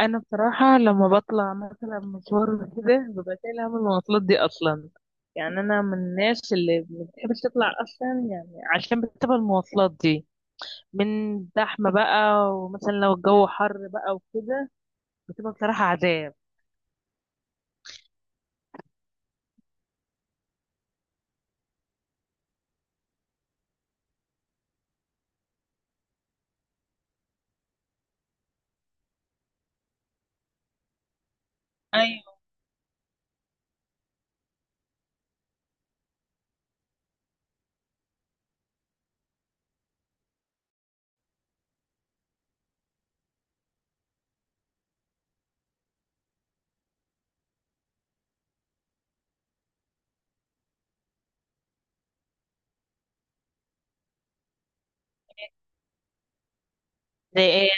انا بصراحه لما بطلع مثلا مشوار كده ببقى شايله هم المواصلات دي اصلا. يعني انا من الناس اللي ما بتحبش تطلع اصلا، يعني عشان بتبقى المواصلات دي من زحمه بقى، ومثلا لو الجو حر بقى وكده بتبقى بصراحه عذاب. ايوه. زي ايه؟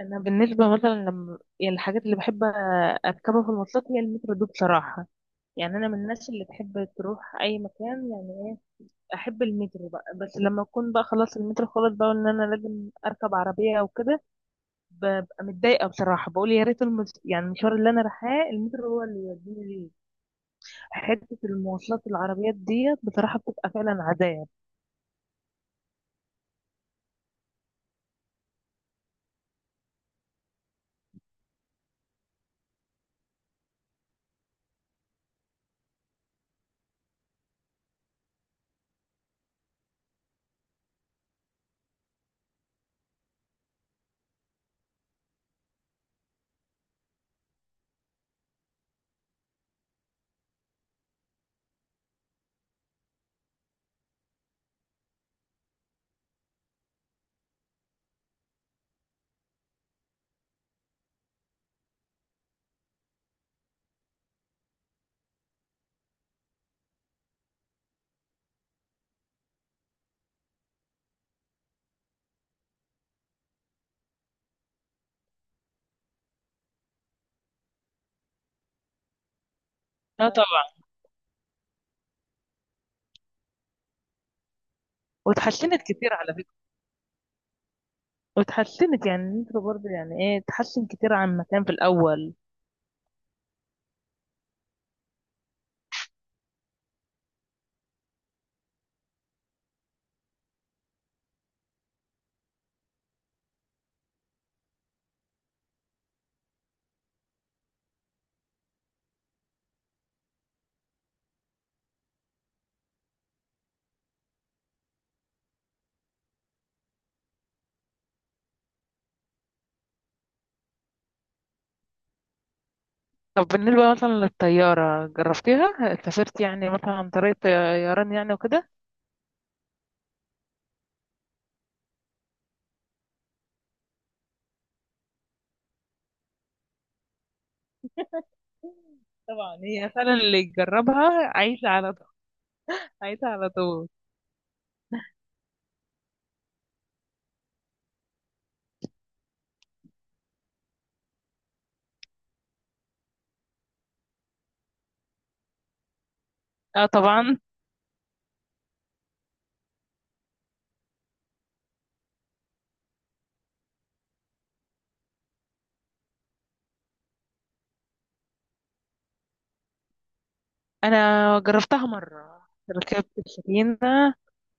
انا بالنسبه مثلا لما يعني الحاجات اللي بحب اركبها في المواصلات هي المترو دي بصراحه. يعني انا من الناس اللي تحب تروح اي مكان، يعني احب المترو بقى، بس لما اكون بقى خلاص المترو خلاص بقى ان انا لازم اركب عربيه او كده ببقى متضايقه بصراحه. بقول يا ريت يعني المشوار اللي انا رايحاه المترو هو اللي يوديني ليه. حته المواصلات العربيات ديت بصراحه بتبقى فعلا عذاب. اه طبعا. واتحسنت كتير على فكره، واتحسنت يعني المترو برضه يعني ايه اتحسن كتير عن ما كان في الاول. طب بالنسبة مثلا للطيارة جربتيها؟ سافرت يعني مثلا عن طريق طيران يعني وكده؟ طبعا هي فعلا اللي يجربها عايشة على عايزة على طول. اه طبعا. انا جربتها مرة، ركبت السفينة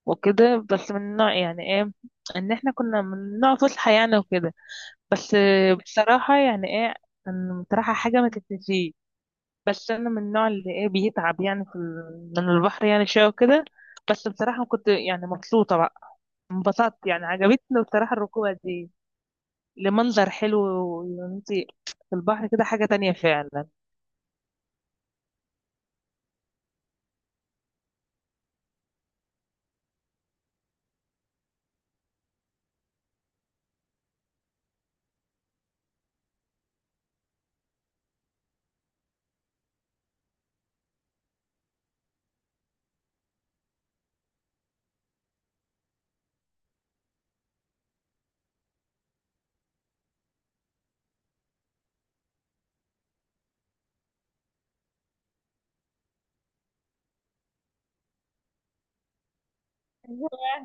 وكده، بس من نوع يعني ايه ان احنا كنا من نوع فسحة يعني وكده. بس بصراحة يعني ايه كان بصراحة حاجة ما تتنسيش. بس انا من النوع اللي ايه بيتعب يعني من البحر يعني شوية وكده. بس بصراحة كنت يعني مبسوطة بقى، انبسطت يعني عجبتني بصراحة الركوبة دي لمنظر حلو، وانتي في البحر كده حاجة تانية. فعلا.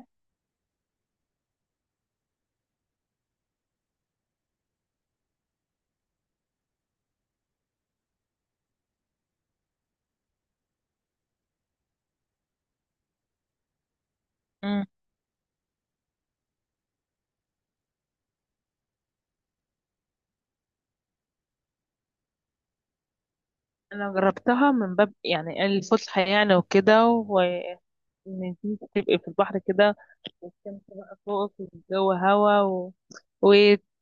انا جربتها من باب يعني الفسحه يعني، وكده وان انت تبقي في البحر كده والشمس بقى فوقك والجو هوا.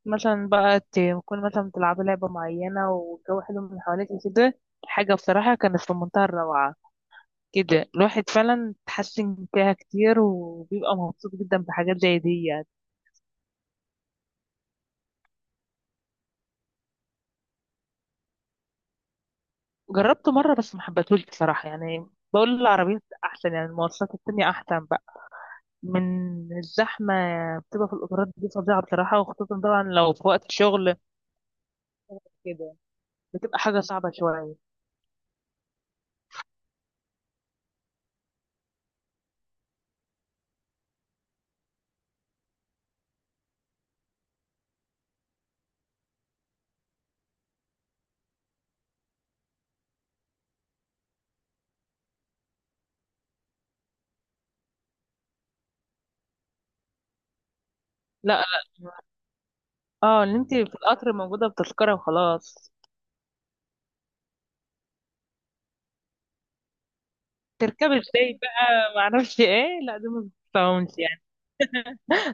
ومثلا بقى تكون مثلا بتلعبي لعبه معينه والجو حلو من حواليكي كده، حاجه بصراحه كانت في منتهى الروعه. كده الواحد فعلا تحسن فيها كتير وبيبقى مبسوط جدا بحاجات زي دي يعني. جربته مره بس ما حبيتهوش بصراحه يعني. بقول العربيات احسن يعني المواصلات التانية احسن بقى. من الزحمة بتبقى في القطارات دي فظيعة بصراحة، وخصوصا طبعا لو في وقت شغل كده بتبقى حاجة صعبة شوية. لا، لا. اه اللي انت في القطر موجودة بتذكرة وخلاص. تركبي ازاي بقى معرفش ايه. لا دي ما بتفهمش يعني.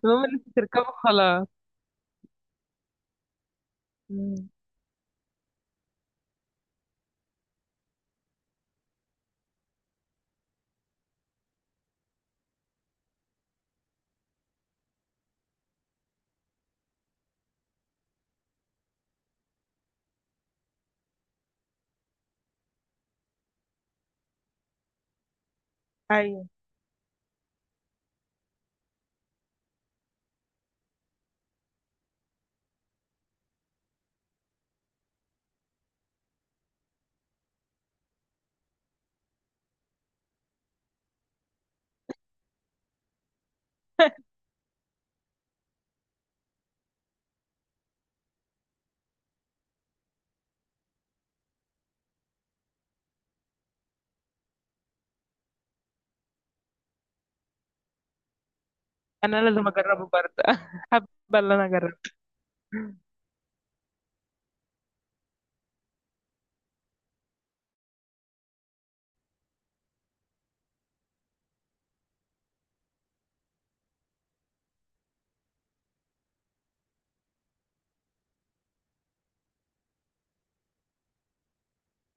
المهم ان انت تركبي خلاص. مم. ايوه انا لازم اجربه برضه حابة ان انا اجربه.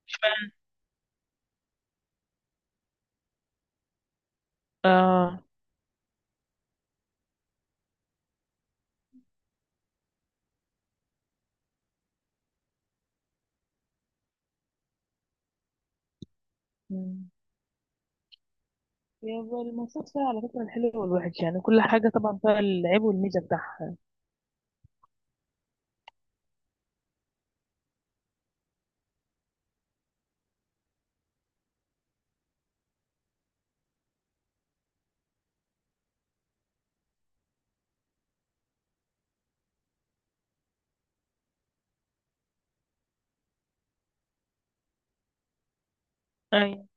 اشمعنى؟ اه. مم. هي المواصلات فيها على فكرة الحلو والوحش، يعني كل حاجة طبعا فيها العيب والميزة بتاعها. أيوة.